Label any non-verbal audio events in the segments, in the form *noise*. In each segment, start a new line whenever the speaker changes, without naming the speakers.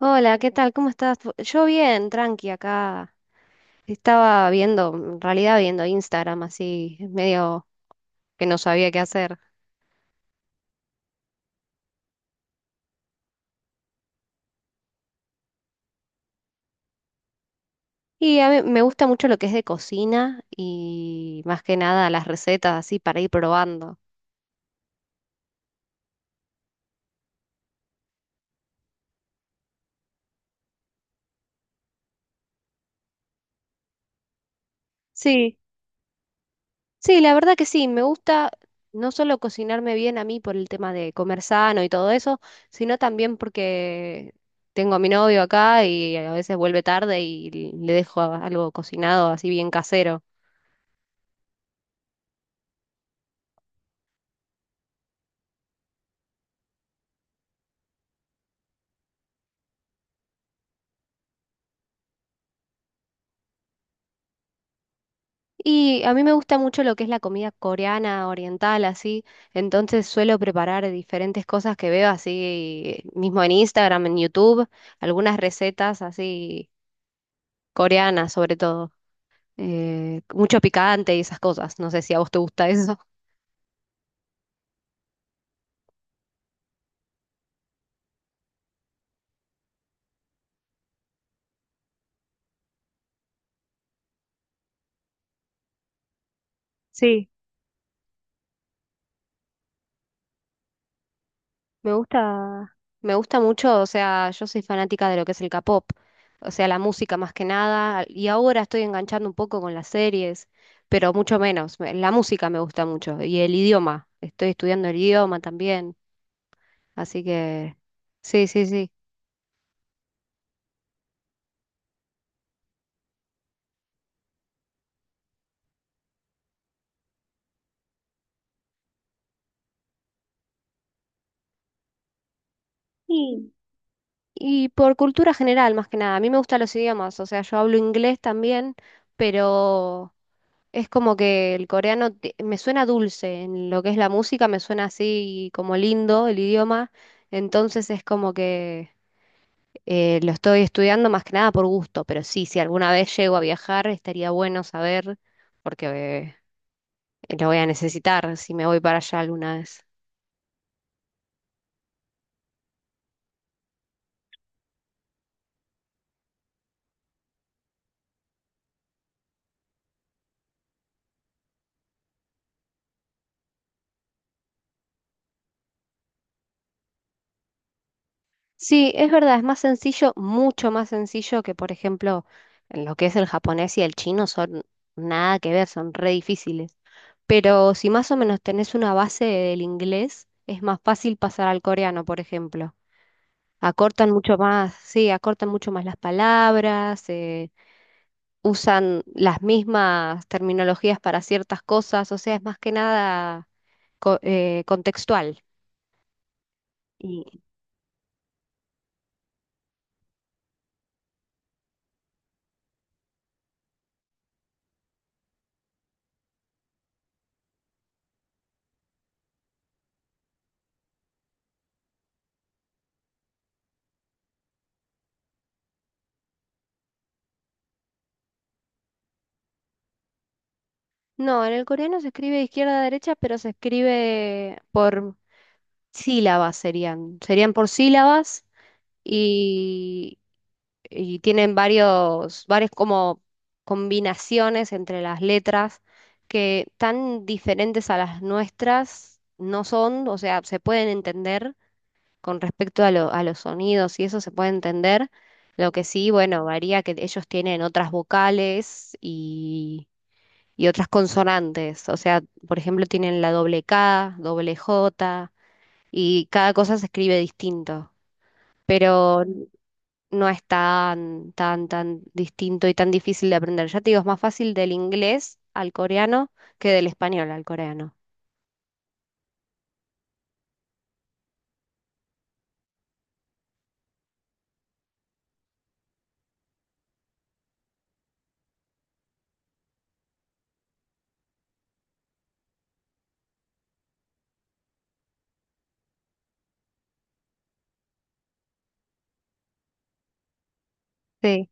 Hola, ¿qué tal? ¿Cómo estás? Yo bien, tranqui acá. Estaba viendo, en realidad viendo Instagram así, medio que no sabía qué hacer. Y a mí me gusta mucho lo que es de cocina y más que nada las recetas así para ir probando. Sí, sí, la verdad que sí, me gusta no solo cocinarme bien a mí por el tema de comer sano y todo eso, sino también porque tengo a mi novio acá y a veces vuelve tarde y le dejo algo cocinado así bien casero. Y a mí me gusta mucho lo que es la comida coreana, oriental, así. Entonces suelo preparar diferentes cosas que veo así, mismo en Instagram, en YouTube, algunas recetas así coreanas sobre todo. Mucho picante y esas cosas. No sé si a vos te gusta eso. Sí. Me gusta mucho, o sea, yo soy fanática de lo que es el K-pop, o sea, la música más que nada, y ahora estoy enganchando un poco con las series, pero mucho menos. La música me gusta mucho y el idioma, estoy estudiando el idioma también, así que sí, sí, sí. Y, y por cultura general, más que nada, a mí me gustan los idiomas, o sea, yo hablo inglés también, pero es como que el coreano me suena dulce, en lo que es la música me suena así como lindo el idioma, entonces es como que lo estoy estudiando más que nada por gusto, pero sí, si alguna vez llego a viajar estaría bueno saber porque lo voy a necesitar si me voy para allá alguna vez. Sí, es verdad, es más sencillo, mucho más sencillo que por ejemplo en lo que es el japonés y el chino son nada que ver, son re difíciles. Pero si más o menos tenés una base del inglés, es más fácil pasar al coreano, por ejemplo. Acortan mucho más, sí, acortan mucho más las palabras, usan las mismas terminologías para ciertas cosas, o sea, es más que nada contextual. Y no, en el coreano se escribe de izquierda a derecha, pero se escribe por sílabas serían, serían por sílabas y y tienen varias como combinaciones entre las letras que tan diferentes a las nuestras no son, o sea, se pueden entender con respecto a los sonidos y eso se puede entender. Lo que sí, bueno, varía que ellos tienen otras vocales y otras consonantes. O sea, por ejemplo, tienen la doble K, doble J y cada cosa se escribe distinto. Pero no es tan distinto y tan difícil de aprender. Ya te digo, es más fácil del inglés al coreano que del español al coreano. Sí.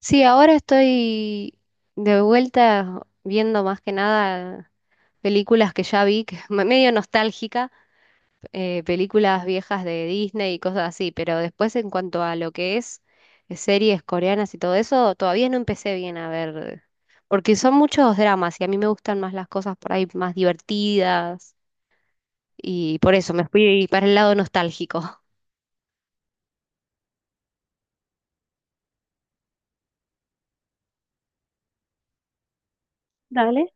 Sí, ahora estoy de vuelta viendo más que nada películas que ya vi, que *laughs* medio nostálgica, películas viejas de Disney y cosas así, pero después en cuanto a lo que es series coreanas y todo eso, todavía no empecé bien a ver, porque son muchos dramas y a mí me gustan más las cosas por ahí más divertidas. Y por eso me fui para el lado nostálgico. Dale.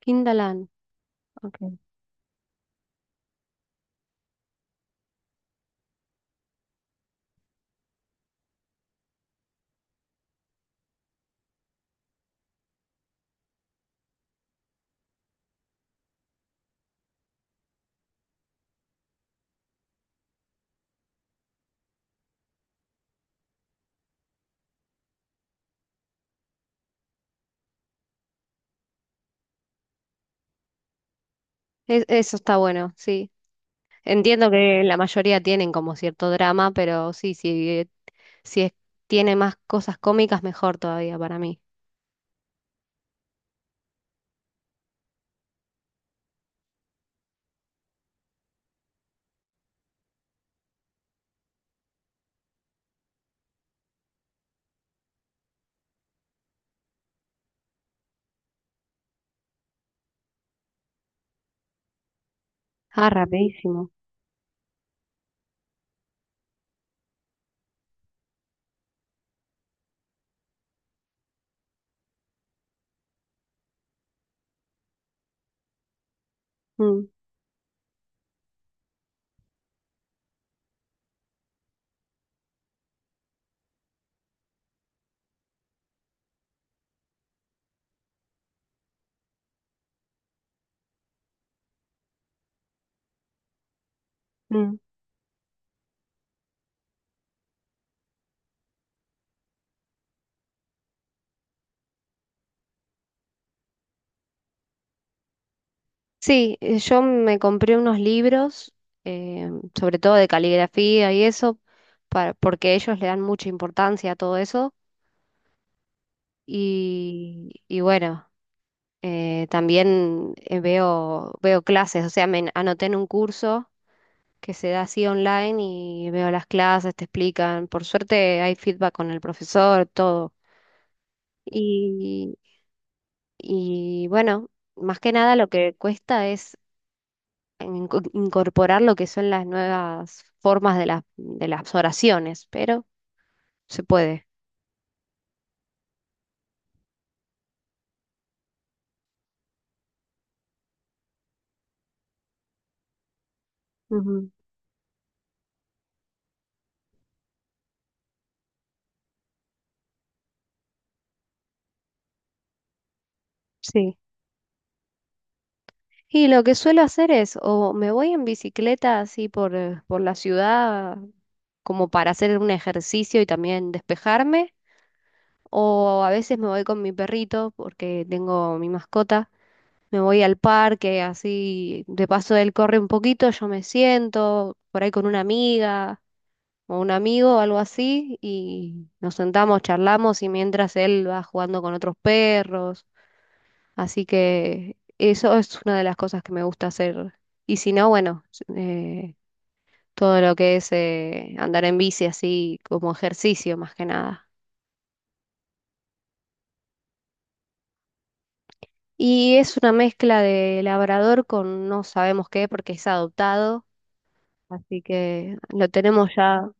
Kindaland, ok. Es- eso está bueno, sí. Entiendo que la mayoría tienen como cierto drama, pero sí, sí, si es- tiene más cosas cómicas, mejor todavía para mí. Ah, rapidísimo. Mm. mm. Sí, yo me compré unos libros, eh, sobre todo de caligrafía y eso, para, porque ellos le dan mucha importancia a todo eso. Y bueno, también veo clases, o sea, anoté en un curso que se da así online y veo las clases, te explican. Por suerte hay feedback con el profesor, todo. Y, y bueno, más que nada lo que cuesta es en- incorporar lo que son las nuevas formas de las oraciones, pero se puede. Ujú. Sí. Y lo que suelo hacer es, o me voy en bicicleta así por la ciudad como para hacer un ejercicio y también despejarme. O a veces me voy con mi perrito porque tengo mi mascota. Me voy al parque, así de paso él corre un poquito, yo me siento por ahí con una amiga o un amigo o algo así y nos sentamos, charlamos y mientras él va jugando con otros perros. Así que eso es una de las cosas que me gusta hacer. Y si no, bueno, eh, todo lo que es andar en bici así como ejercicio más que nada. Y es una mezcla de labrador con no sabemos qué porque es adoptado, así que lo tenemos ya.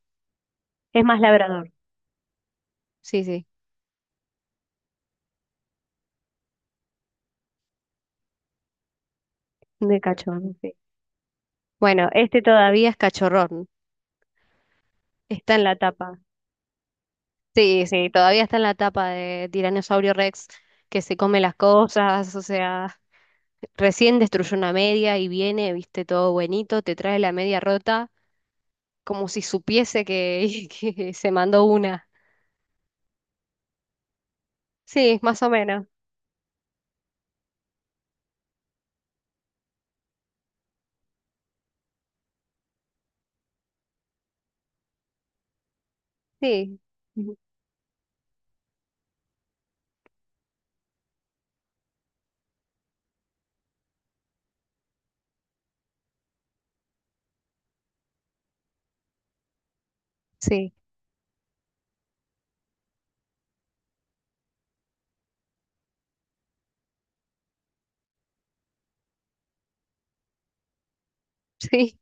Es más labrador. Sí, sí. De cachorro, sí. Bueno, este todavía es cachorrón. Está en la tapa. Sí, sí, todavía está en la tapa de Tiranosaurio Rex que se come las cosas, o sea, recién destruyó una media y viene, viste, todo buenito, te trae la media rota como si supiese que *laughs* que se mandó una. Sí, más o menos. Sí. Ujú. Sí, *laughs* sí.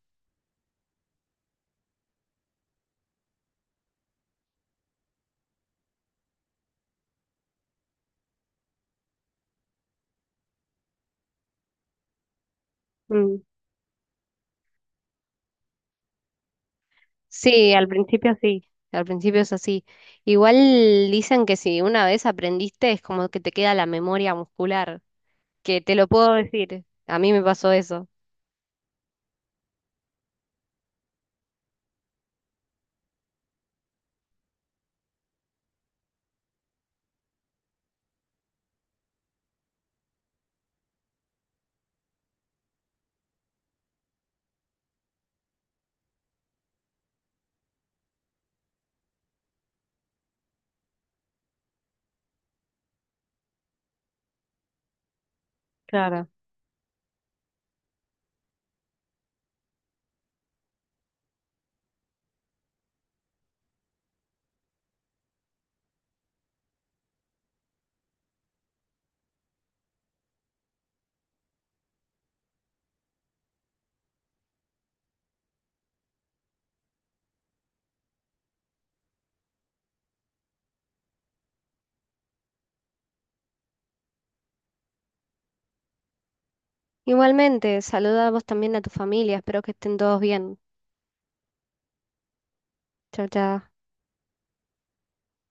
Mm. Sí. Al principio es así. Igual dicen que si una vez aprendiste es como que te queda la memoria muscular, que te lo puedo decir. A mí me pasó eso. Claro. Igualmente, saluda a vos también a tu familia. Espero que estén todos bien. Chao, chao.